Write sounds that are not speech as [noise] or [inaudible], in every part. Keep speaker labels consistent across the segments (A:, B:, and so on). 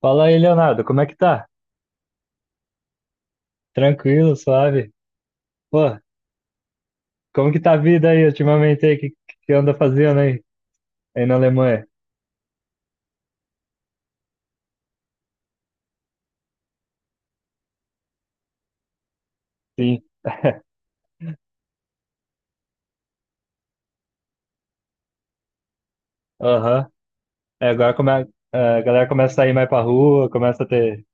A: Fala aí, Leonardo, como é que tá? Tranquilo, suave? Pô, como que tá a vida aí ultimamente aí? Que anda fazendo aí, aí na Alemanha? Sim. [laughs] Aham. É, agora a galera começa a sair mais pra rua, começa a ter.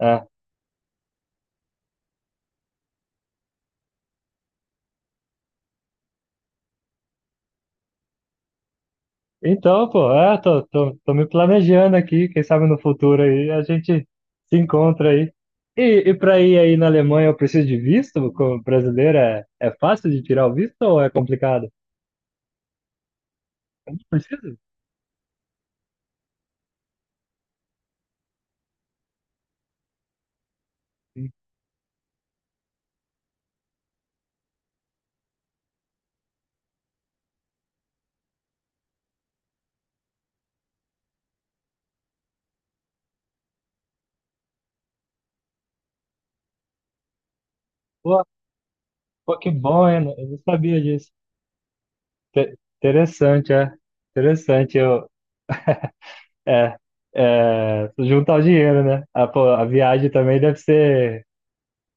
A: É. Então, pô, é, tô me planejando aqui, quem sabe no futuro aí a gente se encontra aí. E pra ir aí na Alemanha eu preciso de visto? Como brasileiro é fácil de tirar o visto ou é complicado? Eu não preciso? Sim. Pô, Pô, que bom, hein? Eu não sabia disso. Interessante, é. Interessante. É, juntar o dinheiro, né? Ah, pô, a viagem também deve ser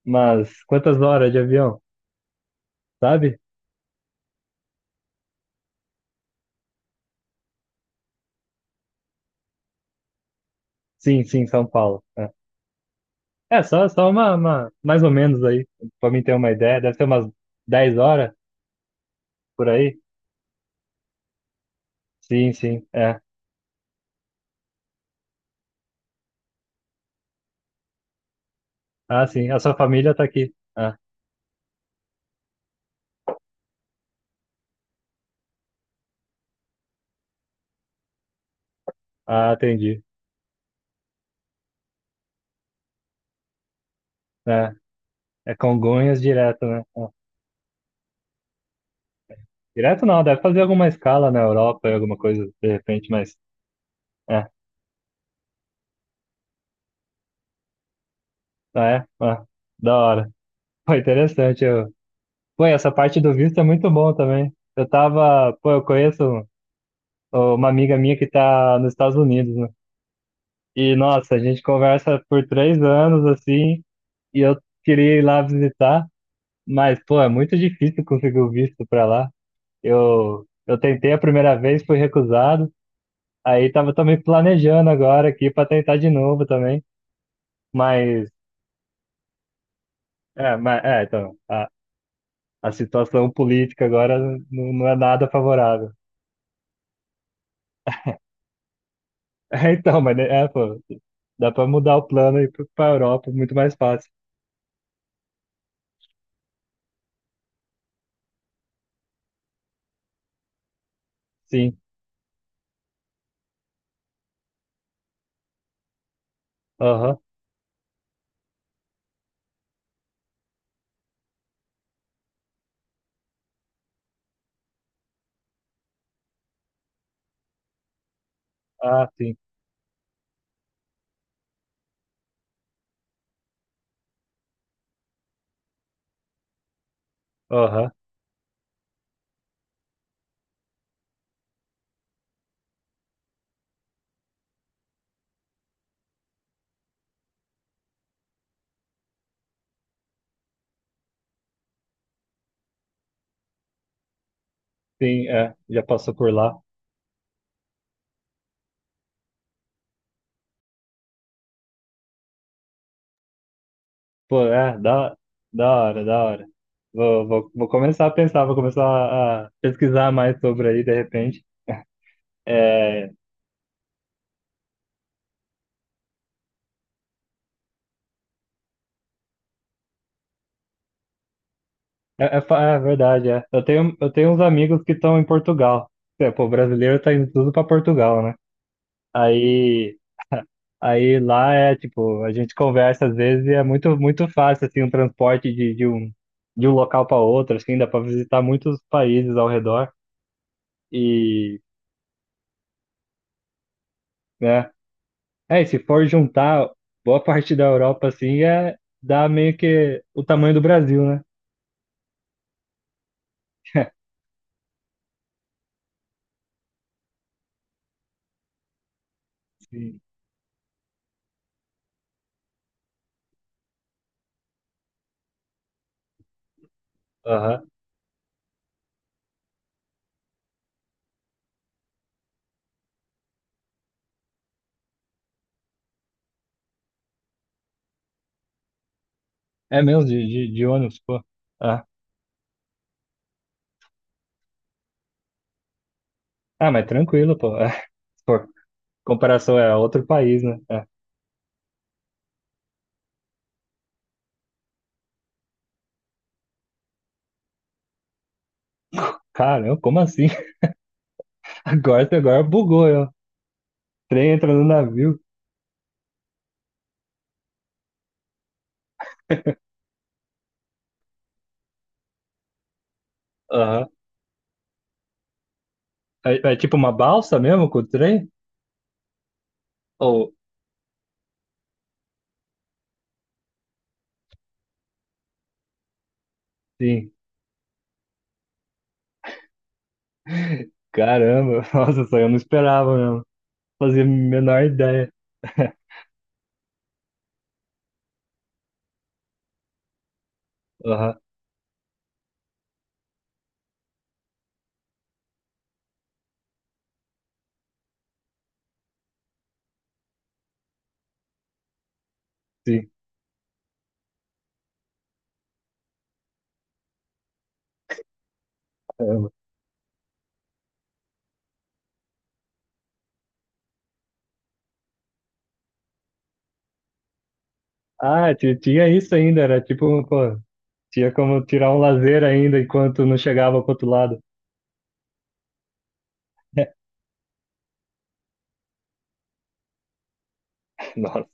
A: umas quantas horas de avião, sabe? Sim, sim, São Paulo. É, É, só mais ou menos aí, pra mim ter uma ideia. Deve ser umas 10 horas por aí. Sim, sim, é. Ah, sim, a sua família tá aqui. Ah, entendi. É, é Congonhas direto, né? É. Direto não, deve fazer alguma escala na Europa, alguma coisa de repente, mas é, é, da hora. Foi interessante. Pô, e essa parte do visto é muito bom também. Pô, eu conheço uma amiga minha que tá nos Estados Unidos, né? E nossa, a gente conversa por 3 anos assim, e eu queria ir lá visitar, mas pô, é muito difícil conseguir o visto pra lá. Eu tentei a primeira vez, fui recusado. Aí tava também planejando agora aqui pra tentar de novo também. Mas mas então, a situação política agora não, não é nada favorável. [laughs] É, então, mas, né, é, pô, dá pra mudar o plano e ir pra Europa, muito mais fácil. Sim, aham, ah, sim, aham, sim, é, já passou por lá. Pô, é, da hora, da hora. Vou começar a pensar, vou começar a pesquisar mais sobre aí, de repente. É, é, é, é verdade, é. Eu tenho uns amigos que estão em Portugal. É, pô, brasileiro tá indo tudo pra Portugal, né? Aí, Aí lá é tipo, a gente conversa às vezes e é muito, muito fácil assim o transporte de um local para outro, assim, dá para visitar muitos países ao redor e, né? É, e se for juntar boa parte da Europa assim, é dá meio que o tamanho do Brasil, né? [laughs] Sim. Aham. É mesmo de ônibus, pô. Ah. Ah, mas tranquilo, pô. É. Se for comparação é outro país, né? É. Caramba, como assim? [laughs] Agora bugou, eu. Trem entra no navio. Aham. É, é tipo uma balsa mesmo com o trem? Ou, sim, caramba, [laughs] nossa, só eu não esperava mesmo. Fazia a menor ideia. [laughs] Aham, sim, caramba. Ah, tinha isso ainda, era tipo, pô, tinha como tirar um lazer ainda enquanto não chegava pro outro lado. [laughs] Nossa,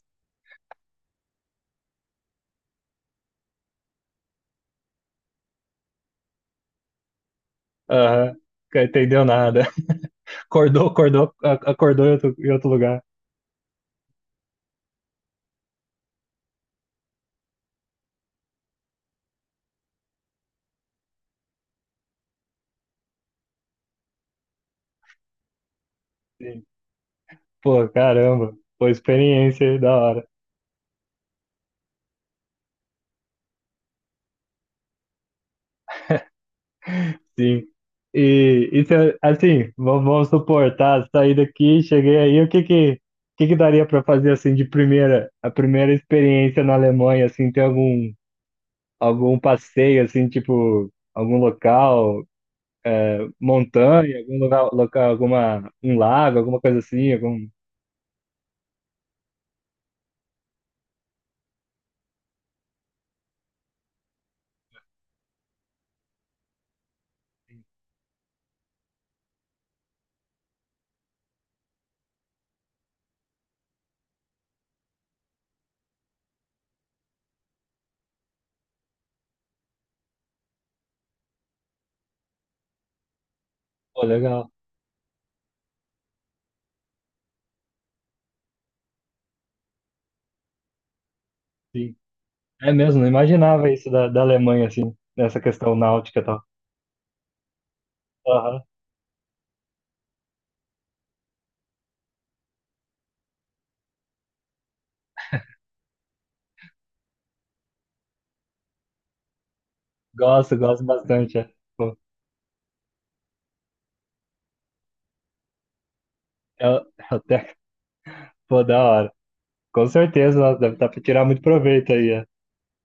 A: aham, não entendeu nada. [laughs] Acordou em outro lugar. Sim. Pô, caramba, foi experiência aí, da hora. Sim. E se eu- assim, vamos suportar, sair daqui, cheguei aí, o que que daria para fazer assim de primeira, a primeira experiência na Alemanha, assim, tem algum passeio assim, tipo algum local, montanha, algum lugar, local, alguma um lago, alguma coisa assim, algum, pô, legal. Sim. É mesmo, não imaginava isso da Alemanha assim, nessa questão náutica e tal. Aham. Gosto bastante. É, pô, é até, pô, da hora. Com certeza, nossa, deve dar para tirar muito proveito aí, é.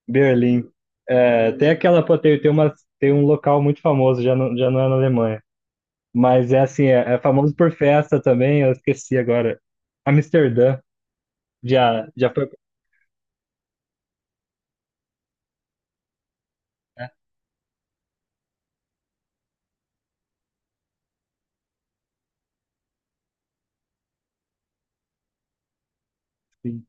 A: Berlim. É, tem aquela, pô, tem um local muito famoso, já não é na Alemanha, mas é assim, é famoso por festa também, eu esqueci agora. Amsterdã, já foi, é, sim,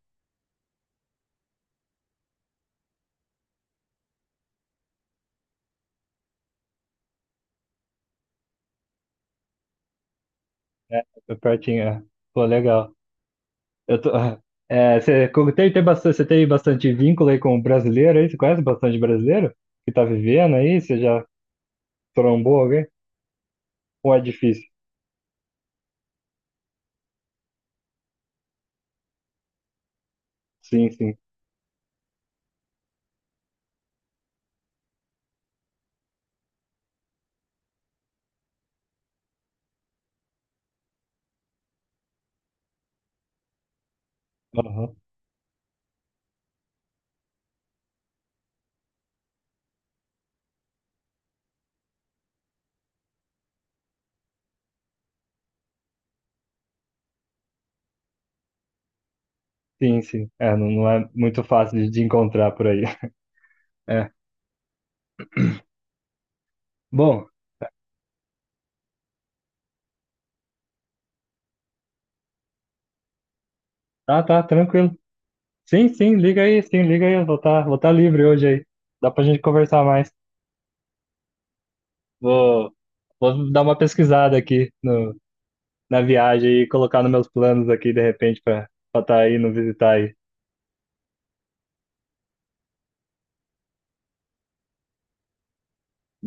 A: é, foi pertinho, é. Pô, legal. Eu tô, [laughs] é, você como tem, tem bastante, você tem bastante vínculo aí com o brasileiro aí, você conhece bastante brasileiro que tá vivendo aí, você já trombou alguém? Ou é difícil? Sim, sim. Sim, sim. É, não, não é muito fácil de encontrar por aí. [laughs] É. Bom, tá, tá, tranquilo. Sim, sim, liga aí, sim, liga aí. Eu vou tá livre hoje aí. Dá pra gente conversar mais. Vou, vou dar uma pesquisada aqui no, na viagem e colocar nos meus planos aqui, de repente, pra estar tá aí, não visitar aí.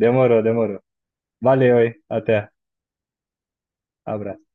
A: Demorou, demorou. Valeu aí. Até. Abraço.